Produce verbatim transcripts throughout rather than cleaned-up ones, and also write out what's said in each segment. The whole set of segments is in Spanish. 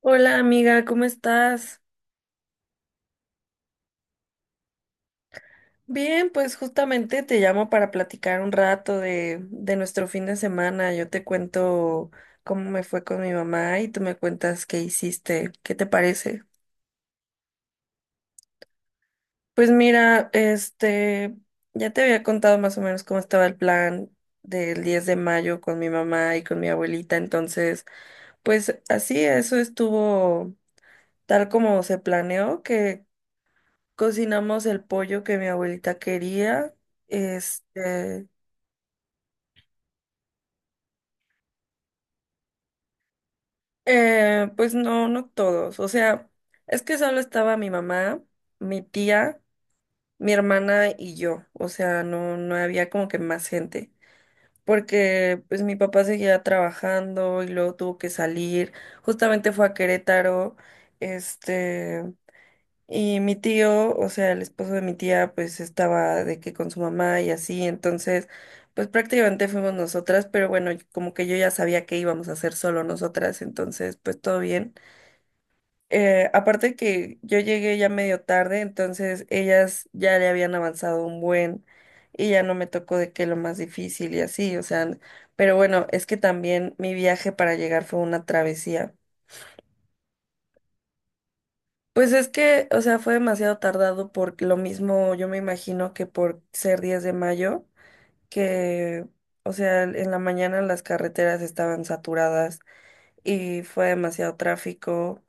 Hola amiga, ¿cómo estás? Bien, pues justamente te llamo para platicar un rato de, de nuestro fin de semana. Yo te cuento cómo me fue con mi mamá y tú me cuentas qué hiciste. ¿Qué te parece? Pues mira, este, ya te había contado más o menos cómo estaba el plan del diez de mayo con mi mamá y con mi abuelita. Entonces, pues así, eso estuvo tal como se planeó, que cocinamos el pollo que mi abuelita quería. Este, eh, pues no, no todos. O sea, es que solo estaba mi mamá, mi tía, mi hermana y yo. O sea, no, no había como que más gente. Porque pues mi papá seguía trabajando y luego tuvo que salir. Justamente fue a Querétaro. Este. Y mi tío, o sea, el esposo de mi tía, pues estaba de que con su mamá y así, entonces, pues prácticamente fuimos nosotras, pero bueno, como que yo ya sabía que íbamos a hacer solo nosotras, entonces, pues todo bien. Eh, aparte que yo llegué ya medio tarde, entonces ellas ya le habían avanzado un buen y ya no me tocó de que lo más difícil y así, o sea, pero bueno, es que también mi viaje para llegar fue una travesía. Pues es que, o sea, fue demasiado tardado por lo mismo, yo me imagino que por ser diez de mayo, que, o sea, en la mañana las carreteras estaban saturadas y fue demasiado tráfico.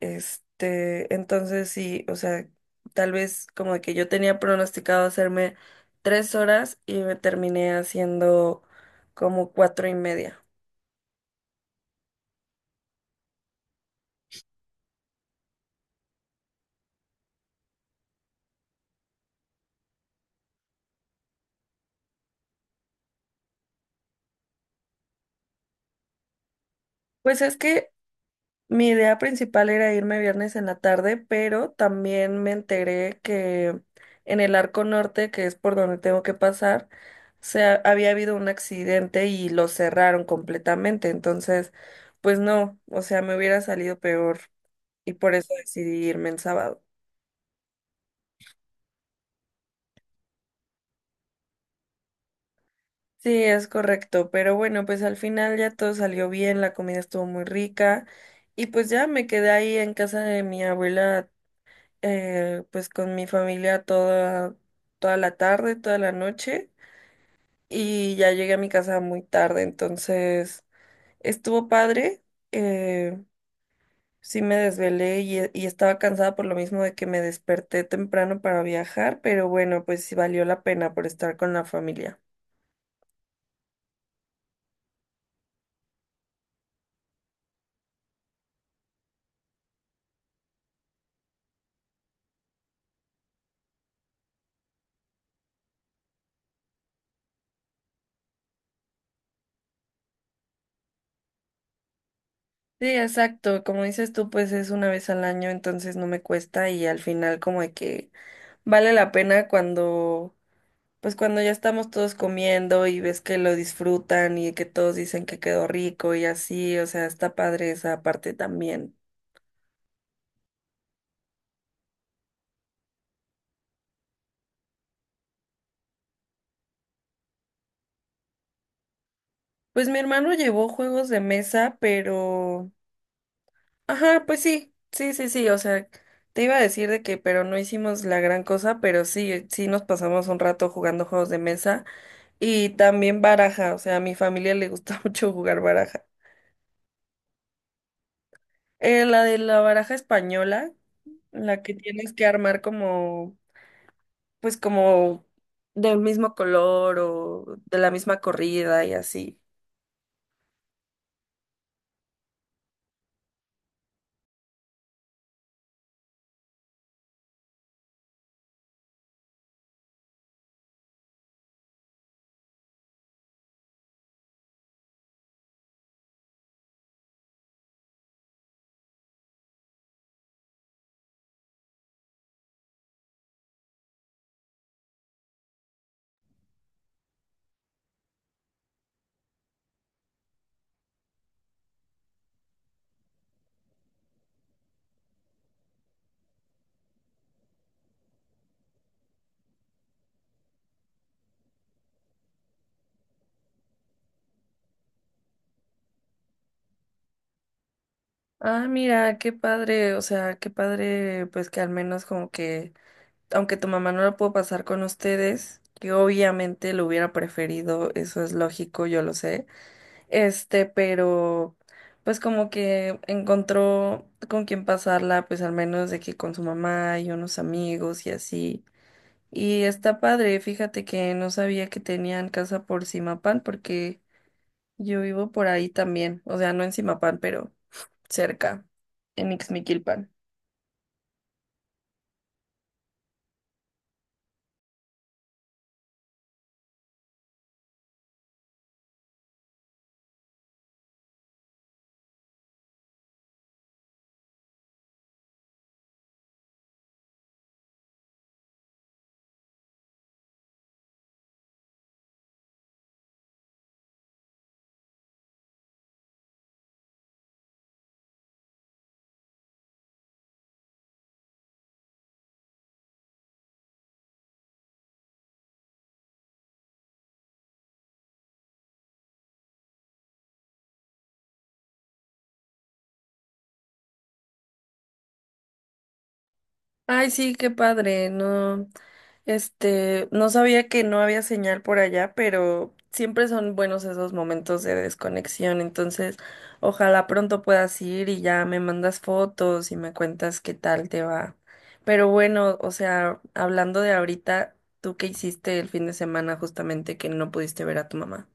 Este, entonces sí, o sea, tal vez como que yo tenía pronosticado hacerme tres horas y me terminé haciendo como cuatro y media. Pues es que Mi idea principal era irme viernes en la tarde, pero también me enteré que en el Arco Norte, que es por donde tengo que pasar, se ha- había habido un accidente y lo cerraron completamente. Entonces, pues no, o sea, me hubiera salido peor y por eso decidí irme en sábado. Sí, es correcto, pero bueno, pues al final ya todo salió bien, la comida estuvo muy rica y pues ya me quedé ahí en casa de mi abuela, eh, pues con mi familia toda, toda la tarde, toda la noche, y ya llegué a mi casa muy tarde, entonces estuvo padre. eh, sí me desvelé y, eh, y estaba cansada por lo mismo de que me desperté temprano para viajar, pero bueno, pues sí valió la pena por estar con la familia. Sí, exacto, como dices tú, pues es una vez al año, entonces no me cuesta y al final como de que vale la pena cuando Pues cuando ya estamos todos comiendo y ves que lo disfrutan y que todos dicen que quedó rico y así, o sea, está padre esa parte también. Pues mi hermano llevó juegos de mesa, pero. Ajá, pues sí, sí, sí, sí, o sea, te iba a decir de que, pero no hicimos la gran cosa, pero sí, sí nos pasamos un rato jugando juegos de mesa y también baraja, o sea, a mi familia le gusta mucho jugar baraja. Eh, la de la baraja española, la que tienes que armar como pues como del mismo color o de la misma corrida y así. Ah, mira, qué padre, o sea, qué padre, pues que al menos como que, aunque tu mamá no lo pudo pasar con ustedes, que obviamente lo hubiera preferido, eso es lógico, yo lo sé, este, pero pues como que encontró con quién pasarla, pues al menos de que con su mamá y unos amigos y así. Y está padre, fíjate que no sabía que tenían casa por Zimapán, porque yo vivo por ahí también, o sea, no en Zimapán, pero cerca, en Ixmiquilpan. Ay, sí, qué padre, no, este, no sabía que no había señal por allá, pero siempre son buenos esos momentos de desconexión, entonces ojalá pronto puedas ir y ya me mandas fotos y me cuentas qué tal te va. Pero bueno, o sea, hablando de ahorita, ¿tú qué hiciste el fin de semana justamente que no pudiste ver a tu mamá?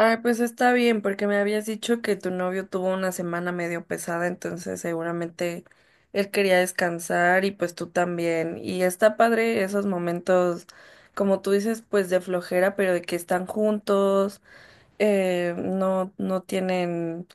Ay, pues está bien, porque me habías dicho que tu novio tuvo una semana medio pesada, entonces seguramente él quería descansar y pues tú también. Y está padre esos momentos, como tú dices, pues de flojera, pero de que están juntos, eh, no, no tienen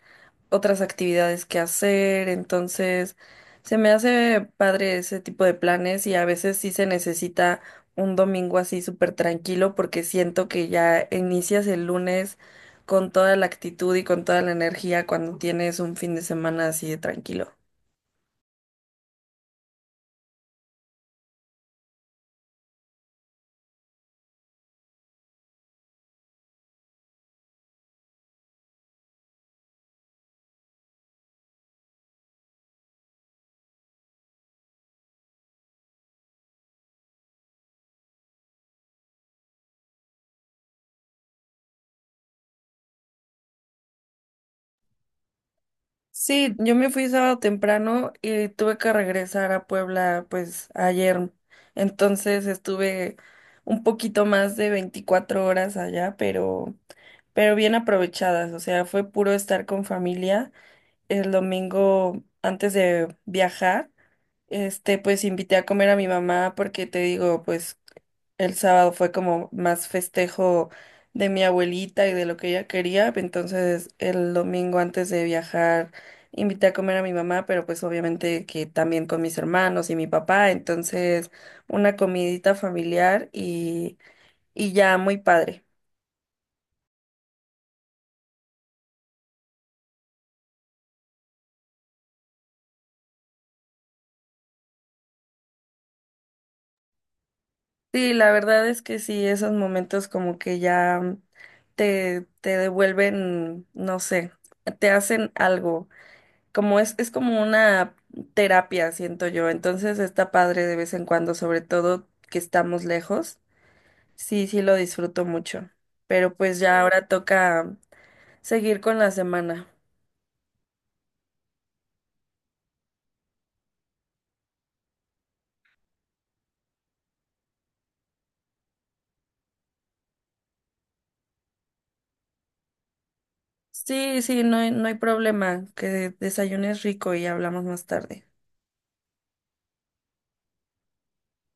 otras actividades que hacer, entonces se me hace padre ese tipo de planes y a veces sí se necesita un domingo así súper tranquilo porque siento que ya inicias el lunes con toda la actitud y con toda la energía cuando tienes un fin de semana así de tranquilo. Sí, yo me fui sábado temprano y tuve que regresar a Puebla pues ayer. Entonces estuve un poquito más de veinticuatro horas allá, pero pero bien aprovechadas, o sea, fue puro estar con familia. El domingo antes de viajar, este pues invité a comer a mi mamá porque te digo, pues el sábado fue como más festejo de mi abuelita y de lo que ella quería. Entonces, el domingo antes de viajar, invité a comer a mi mamá, pero pues obviamente que también con mis hermanos y mi papá. Entonces, una comidita familiar y, y ya muy padre. Sí, la verdad es que sí, esos momentos como que ya te, te devuelven, no sé, te hacen algo. Como es, es como una terapia, siento yo. Entonces está padre de vez en cuando, sobre todo que estamos lejos. Sí, sí lo disfruto mucho. Pero pues ya, sí, ahora toca seguir con la semana. Sí, sí, no hay, no hay problema. Que desayunes rico y hablamos más tarde.